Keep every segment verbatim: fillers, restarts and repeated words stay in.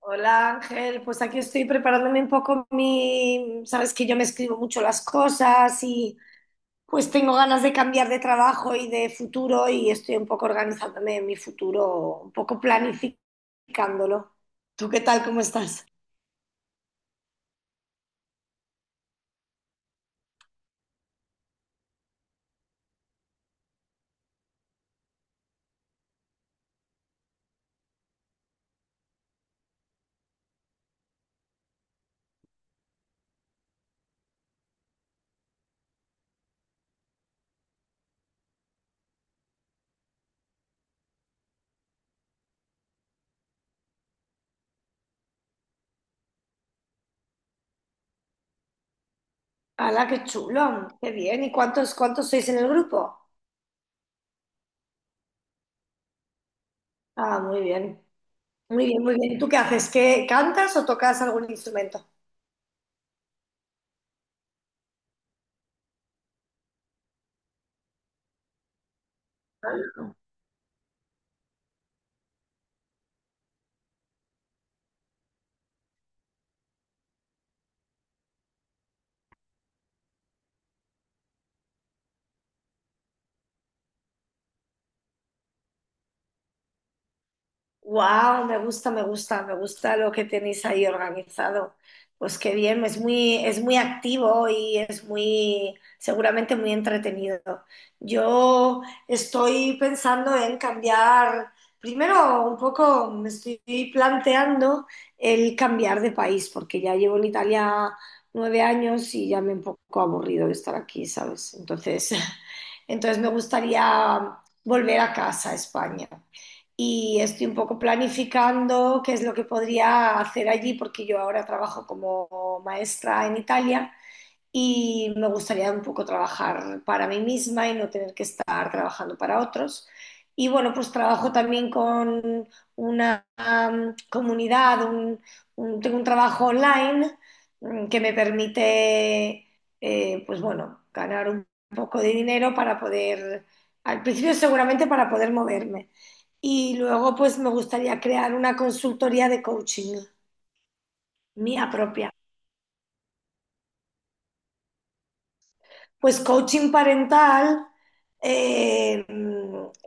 Hola Ángel, pues aquí estoy preparándome un poco mi, sabes que yo me escribo mucho las cosas y pues tengo ganas de cambiar de trabajo y de futuro y estoy un poco organizándome en mi futuro, un poco planificándolo. ¿Tú qué tal? ¿Cómo estás? ¡Hala, qué chulo! ¡Qué bien! ¿Y cuántos, cuántos sois en el grupo? Ah, muy bien, muy bien, muy bien. ¿Tú qué haces? ¿Qué cantas o tocas algún instrumento? Wow, me gusta, me gusta, me gusta lo que tenéis ahí organizado. Pues qué bien, es muy, es muy activo y es muy, seguramente muy entretenido. Yo estoy pensando en cambiar, primero un poco me estoy planteando el cambiar de país, porque ya llevo en Italia nueve años y ya me he un poco aburrido de estar aquí, ¿sabes? Entonces, entonces me gustaría volver a casa, a España y estoy un poco planificando qué es lo que podría hacer allí, porque yo ahora trabajo como maestra en Italia y me gustaría un poco trabajar para mí misma y no tener que estar trabajando para otros. Y bueno, pues trabajo también con una um, comunidad, un- un- tengo un trabajo online mm, que me permite, eh, pues bueno, ganar un poco de dinero para poder, al principio seguramente para poder moverme. Y luego pues me gustaría crear una consultoría de coaching mía propia. Pues coaching parental, eh,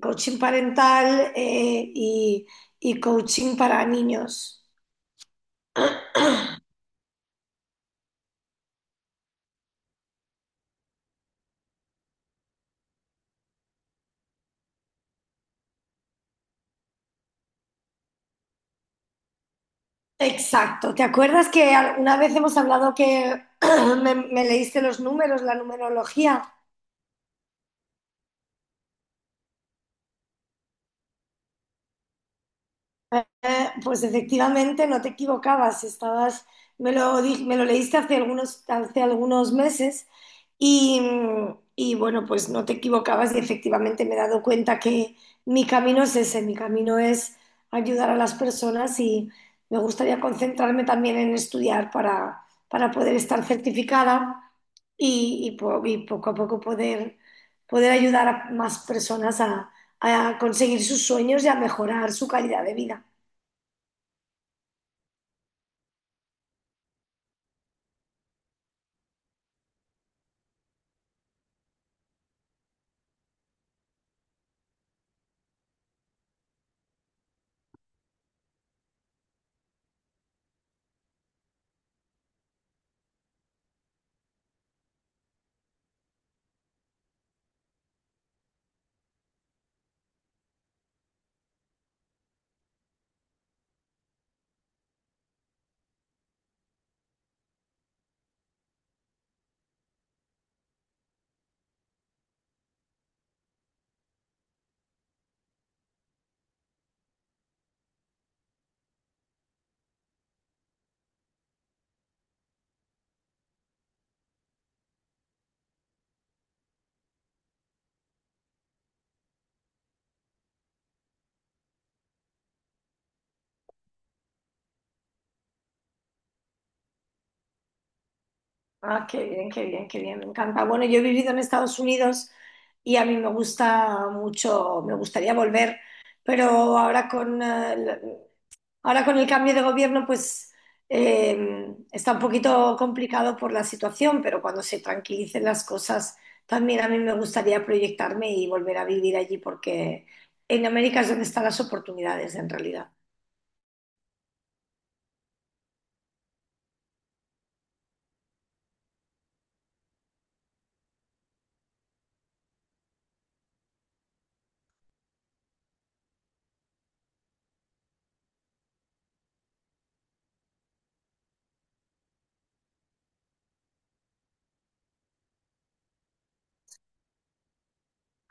coaching parental eh, y, y coaching para niños. Exacto. ¿Te acuerdas que una vez hemos hablado que me, me leíste los números, la numerología? Eh, pues efectivamente no te equivocabas, estabas, me lo, di- me lo leíste hace algunos, hace algunos meses y, y, bueno, pues no te equivocabas y efectivamente me he dado cuenta que mi camino es ese, mi camino es ayudar a las personas y me gustaría concentrarme también en estudiar para, para poder estar certificada y, y po- y poco a poco poder, poder ayudar a más personas a a conseguir sus sueños y a mejorar su calidad de vida. Ah, qué bien, qué bien, qué bien, me encanta. Bueno, yo he vivido en Estados Unidos y a mí me gusta mucho, me gustaría volver, pero ahora con, eh, la- ahora con el cambio de gobierno, pues eh, está un poquito complicado por la situación, pero cuando se tranquilicen las cosas, también a mí me gustaría proyectarme y volver a vivir allí, porque en América es donde están las oportunidades en realidad.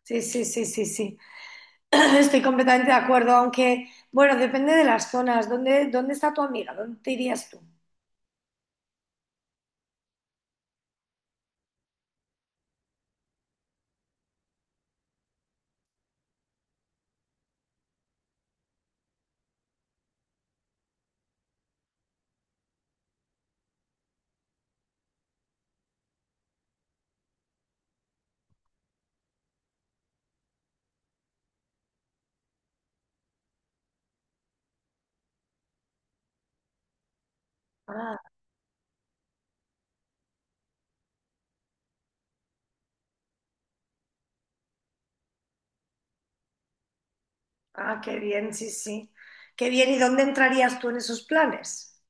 Sí, sí, sí, sí, sí. Estoy completamente de acuerdo, aunque, bueno, depende de las zonas. ¿Dónde, dónde está tu amiga? ¿Dónde te irías tú? Ah, ah, qué bien, sí, sí. Qué bien, ¿y dónde entrarías tú en esos planes?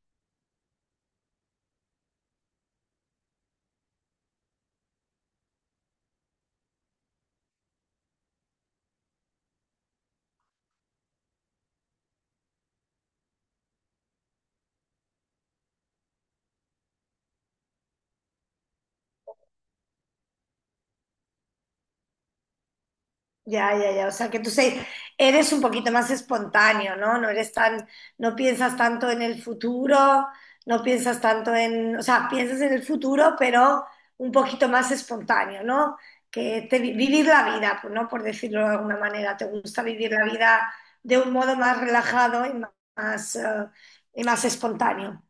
Ya, ya, ya. O sea, que tú se- eres un poquito más espontáneo, ¿no? No eres tan, no piensas tanto en el futuro, no piensas tanto en, o sea, piensas en el futuro, pero un poquito más espontáneo, ¿no? Que te- vivir la vida, pues, ¿no? Por decirlo de alguna manera, te gusta vivir la vida de un modo más relajado y más, más, eh, y más espontáneo.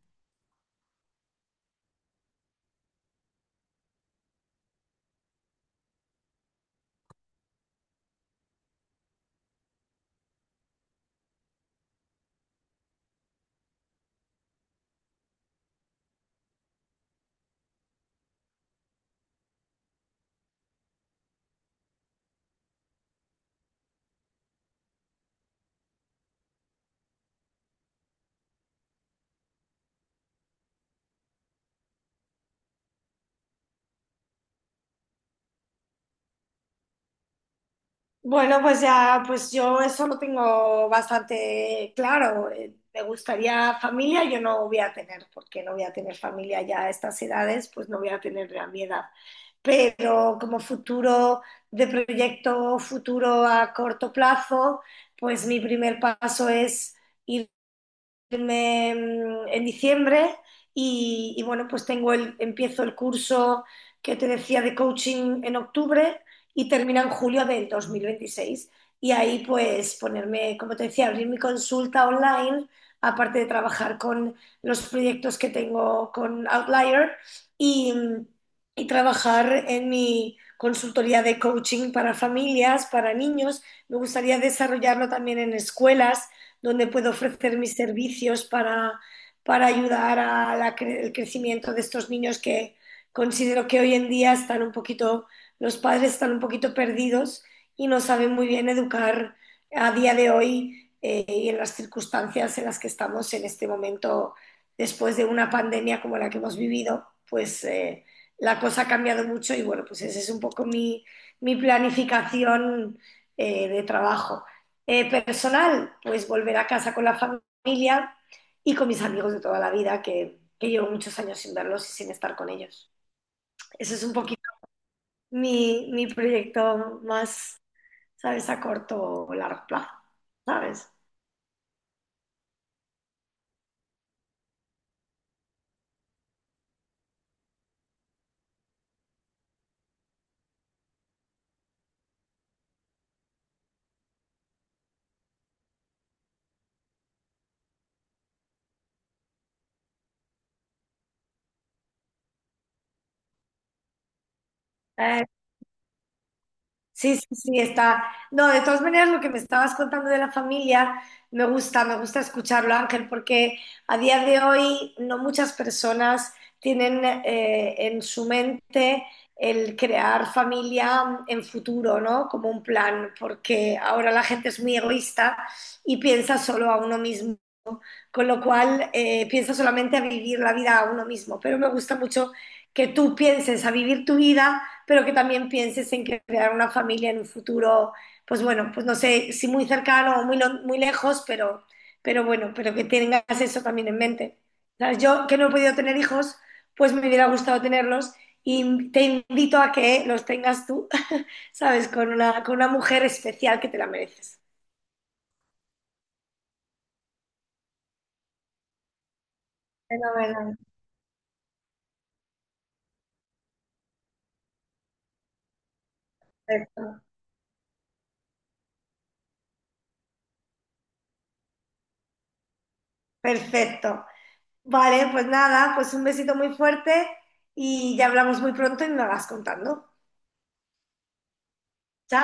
Bueno, pues ya, pues yo eso lo tengo bastante claro. Eh, Me gustaría familia, yo no voy a tener, porque no voy a tener familia ya a estas edades, pues no voy a tener a mi edad. Pero como futuro de proyecto, futuro a corto plazo, pues mi primer paso es ir irme mm, en diciembre y, y, bueno, pues tengo el, empiezo el curso que te decía de coaching en octubre y termina en julio del dos mil veintiséis. Y ahí pues ponerme, como te decía, abrir mi consulta online, aparte de trabajar con los proyectos que tengo con Outlier y, y trabajar en mi consultoría de coaching para familias, para niños. Me gustaría desarrollarlo también en escuelas donde puedo ofrecer mis servicios para, para ayudar al cre crecimiento de estos niños que considero que hoy en día están un poquito, los padres están un poquito perdidos y no saben muy bien educar a día de hoy eh, y en las circunstancias en las que estamos en este momento después de una pandemia como la que hemos vivido, pues eh, la cosa ha cambiado mucho y bueno, pues esa es un poco mi, mi planificación eh, de trabajo eh, personal, pues volver a casa con la familia y con mis amigos de toda la vida, que, que llevo muchos años sin verlos y sin estar con ellos. Eso es un poquito mi, mi proyecto más, ¿sabes?, a corto o largo plazo, ¿sabes? Eh, Sí, sí, sí, está. No, de todas maneras, lo que me estabas contando de la familia, me gusta, me gusta escucharlo, Ángel, porque a día de hoy no muchas personas tienen eh, en su mente el crear familia en futuro, ¿no? Como un plan, porque ahora la gente es muy egoísta y piensa solo a uno mismo con lo cual eh, pienso solamente a vivir la vida a uno mismo, pero me gusta mucho que tú pienses a vivir tu vida, pero que también pienses en crear una familia en un futuro, pues bueno, pues no sé si muy cercano o muy, lo- muy lejos, pero, pero bueno, pero que tengas eso también en mente. ¿Sabes? Yo que no he podido tener hijos, pues me hubiera gustado tenerlos y te invito a que los tengas tú, ¿sabes? Con una, con una mujer especial que te la mereces. Fenomenal. Perfecto. Perfecto. Vale, pues nada, pues un besito muy fuerte y ya hablamos muy pronto y me vas contando. Chao.